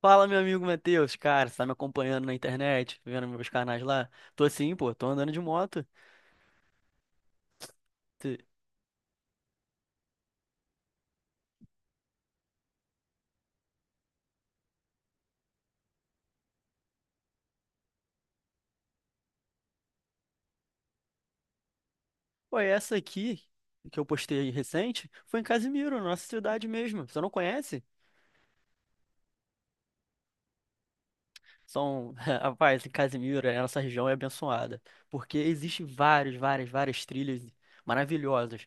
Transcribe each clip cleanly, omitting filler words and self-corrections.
Fala, meu amigo Matheus, cara, você tá me acompanhando na internet, vendo meus canais lá? Tô assim, pô, tô andando de moto. Te- Pô, essa aqui que eu postei recente foi em Casimiro, nossa cidade mesmo. Você não conhece? São, rapaz, em Casimiro, é, a nossa região é abençoada, porque existe várias trilhas maravilhosas.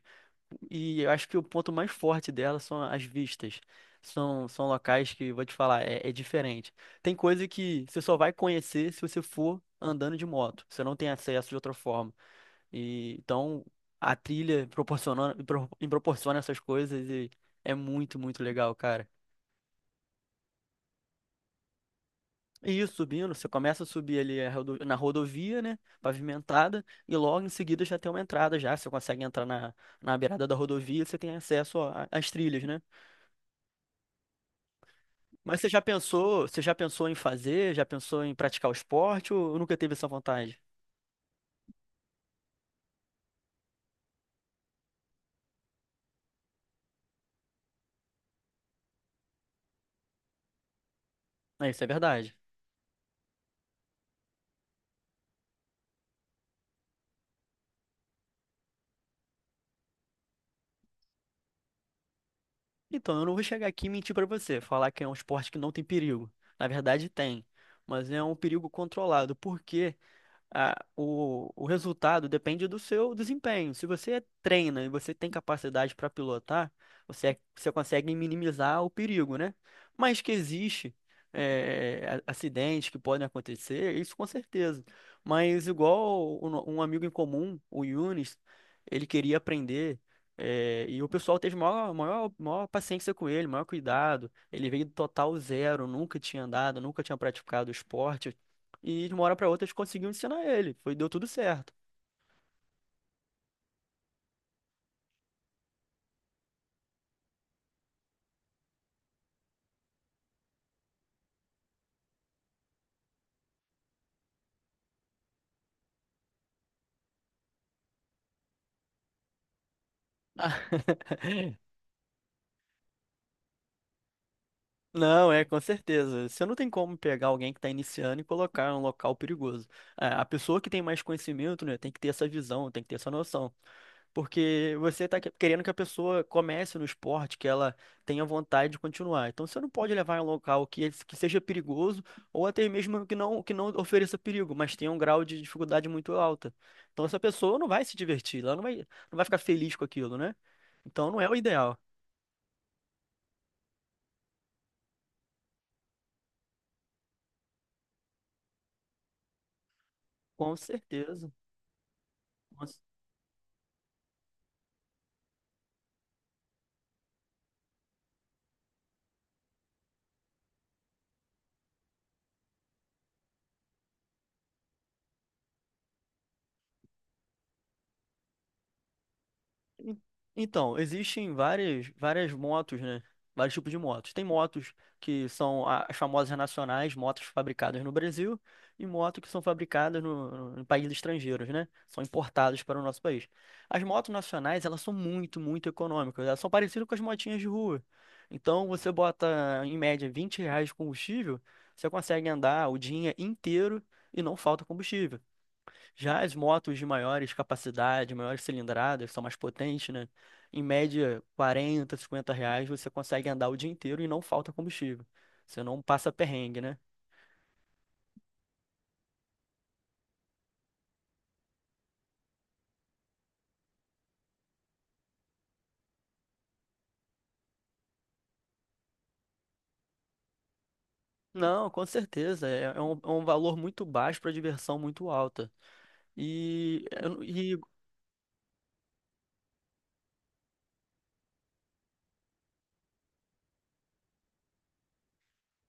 E eu acho que o ponto mais forte dela são as vistas. São locais que, vou te falar, é, é diferente. Tem coisa que você só vai conhecer se você for andando de moto. Você não tem acesso de outra forma. E, então, a trilha proporciona essas coisas e é muito, muito legal, cara. E isso, subindo, você começa a subir ali a na rodovia, né, pavimentada, e logo em seguida já tem uma entrada já, você consegue entrar na beirada da rodovia, você tem acesso às trilhas, né? Mas você já pensou em fazer, já pensou em praticar o esporte ou nunca teve essa vontade? É, isso é verdade. Então, eu não vou chegar aqui e mentir pra você, falar que é um esporte que não tem perigo. Na verdade, tem, mas é um perigo controlado. Porque o resultado depende do seu desempenho. Se você treina e você tem capacidade para pilotar, você, é, você consegue minimizar o perigo, né? Mas que existe acidentes que podem acontecer, isso com certeza. Mas igual o no- um amigo em comum, o Yunis, ele queria aprender. E o pessoal teve maior paciência com ele, maior cuidado. Ele veio do total zero, nunca tinha andado, nunca tinha praticado esporte e de uma hora pra outra eles conseguiam ensinar ele. Foi, deu tudo certo. Não, é, com certeza. Você não tem como pegar alguém que está iniciando e colocar em um local perigoso. É, a pessoa que tem mais conhecimento, né, tem que ter essa visão, tem que ter essa noção. Porque você está querendo que a pessoa comece no esporte, que ela tenha vontade de continuar. Então você não pode levar em um local que, que seja perigoso ou até mesmo que não ofereça perigo, mas tenha um grau de dificuldade muito alta. Então essa pessoa não vai se divertir, ela não vai ficar feliz com aquilo, né? Então não é o ideal, com certeza. Mas- en- Então, existem várias motos, né? Vários tipos de motos. Tem motos que são as famosas nacionais, motos fabricadas no Brasil, e motos que são fabricadas no, no, em países estrangeiros, né? São importadas para o nosso país. As motos nacionais, elas são muito, muito econômicas. Elas são parecidas com as motinhas de rua. Então, você bota, em média, R$ 20 de combustível, você consegue andar o dia inteiro e não falta combustível. Já as motos de maiores capacidade, maiores cilindradas, são mais potentes, né? Em média, 40, R$ 50 você consegue andar o dia inteiro e não falta combustível. Você não passa perrengue, né? Não, com certeza. É um valor muito baixo para diversão muito alta. E, eu- e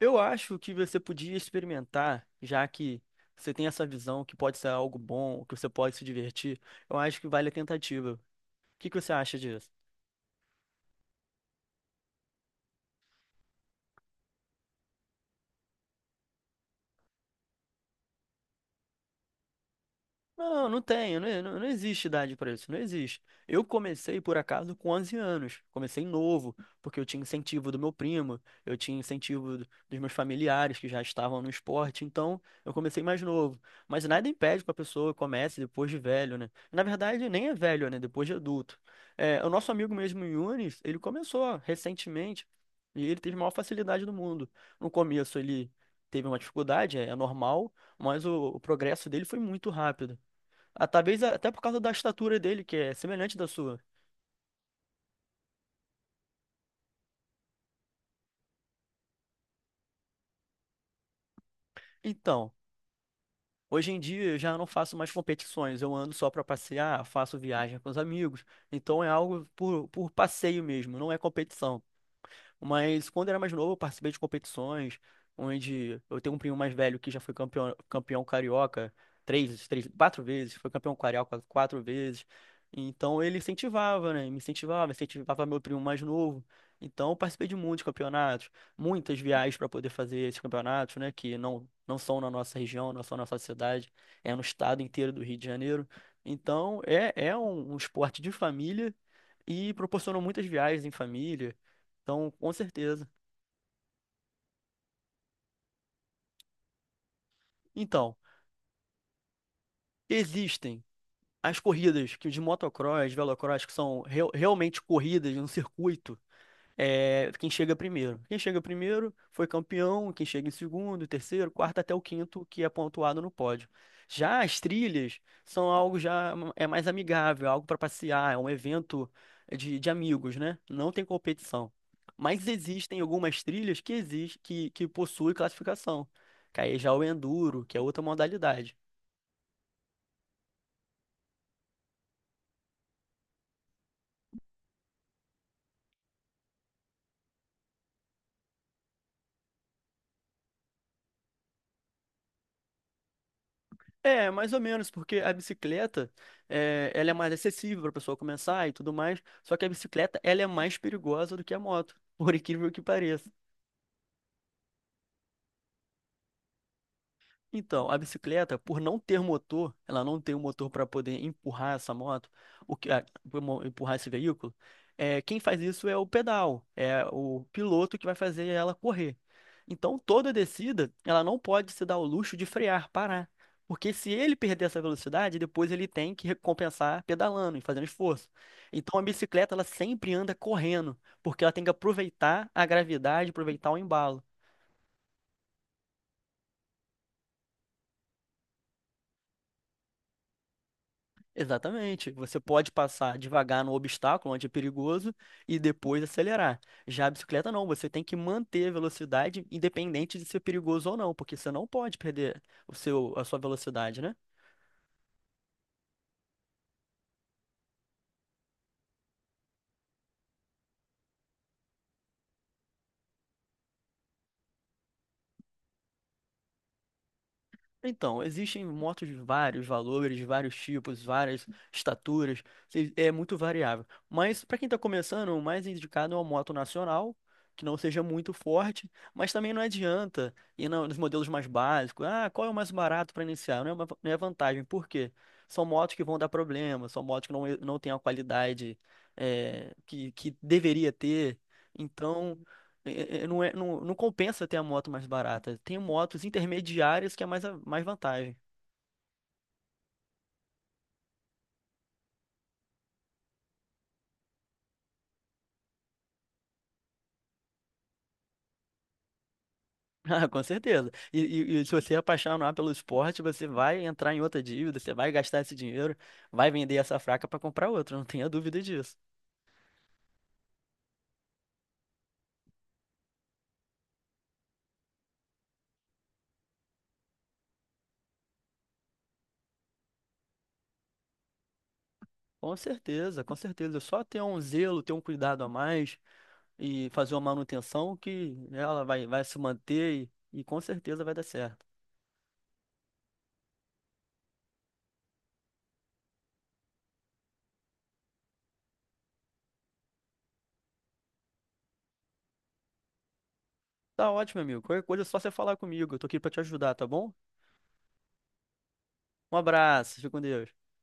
eu acho que você podia experimentar, já que você tem essa visão que pode ser algo bom, que você pode se divertir. Eu acho que vale a tentativa. O que que você acha disso? Não, não tenho, não, existe idade para isso, não existe. Eu comecei, por acaso, com 11 anos, comecei novo, porque eu tinha incentivo do meu primo, eu tinha incentivo dos meus familiares que já estavam no esporte, então eu comecei mais novo. Mas nada impede que a pessoa comece depois de velho, né? Na verdade, nem é velho, né? Depois de adulto. É, o nosso amigo mesmo, Yunis, ele começou recentemente e ele teve a maior facilidade do mundo. No começo ele teve uma dificuldade, é, é normal, mas o progresso dele foi muito rápido. Ah, talvez até por causa da estatura dele, que é semelhante da sua. Então, hoje em dia eu já não faço mais competições, eu ando só para passear, faço viagem com os amigos. Então é algo por passeio mesmo, não é competição. Mas quando eu era mais novo, eu participei de competições onde eu tenho um primo mais velho que já foi campeão carioca 4 vezes, foi campeão carioca 4 vezes. Então ele incentivava, né? Me incentivava, incentivava meu primo mais novo. Então eu participei de muitos campeonatos, muitas viagens para poder fazer esses campeonatos, né? Que não, não são na nossa região, não são na nossa cidade, é no estado inteiro do Rio de Janeiro. Então é, é um esporte de família e proporcionou muitas viagens em família. Então, com certeza. Então, existem as corridas que de motocross, velocross, que são realmente corridas no circuito, é quem chega primeiro. Quem chega primeiro foi campeão, quem chega em segundo, terceiro, quarto até o quinto, que é pontuado no pódio. Já as trilhas são algo já é mais amigável, é algo para passear, é um evento de amigos, né? Não tem competição. Mas existem algumas trilhas que existe, que possuem classificação que aí já é o enduro, que é outra modalidade. É, mais ou menos, porque a bicicleta, é, ela é mais acessível para a pessoa começar e tudo mais, só que a bicicleta, ela é mais perigosa do que a moto, por incrível que pareça. Então, a bicicleta, por não ter motor, ela não tem um motor para poder empurrar essa moto, o que, empurrar esse veículo. É, quem faz isso é o pedal, é o piloto que vai fazer ela correr. Então, toda descida, ela não pode se dar o luxo de frear, parar, porque se ele perder essa velocidade, depois ele tem que recompensar pedalando e fazendo esforço. Então, a bicicleta, ela sempre anda correndo, porque ela tem que aproveitar a gravidade, aproveitar o embalo. Exatamente. Você pode passar devagar no obstáculo, onde é perigoso, e depois acelerar. Já a bicicleta não, você tem que manter a velocidade independente de ser perigoso ou não, porque você não pode perder a sua velocidade, né? Então, existem motos de vários valores, de vários tipos, várias estaturas, é muito variável. Mas para quem está começando, o mais indicado é uma moto nacional, que não seja muito forte, mas também não adianta ir nos modelos mais básicos. Ah, qual é o mais barato para iniciar? Não é, não é vantagem, por quê? São motos que vão dar problema, são motos que não, não têm a qualidade que deveria ter. Então. Não, é, não compensa ter a moto mais barata. Tem motos intermediárias que é mais vantagem. Ah, com certeza. E se você apaixonar pelo esporte, você vai entrar em outra dívida, você vai gastar esse dinheiro, vai vender essa fraca para comprar outra, não tenha dúvida disso. Com certeza, com certeza. É só ter um zelo, ter um cuidado a mais e fazer uma manutenção que né, ela vai se manter e com certeza vai dar certo. Tá ótimo, amigo. Qualquer coisa é só você falar comigo. Eu tô aqui para te ajudar, tá bom? Um abraço, fica com Deus.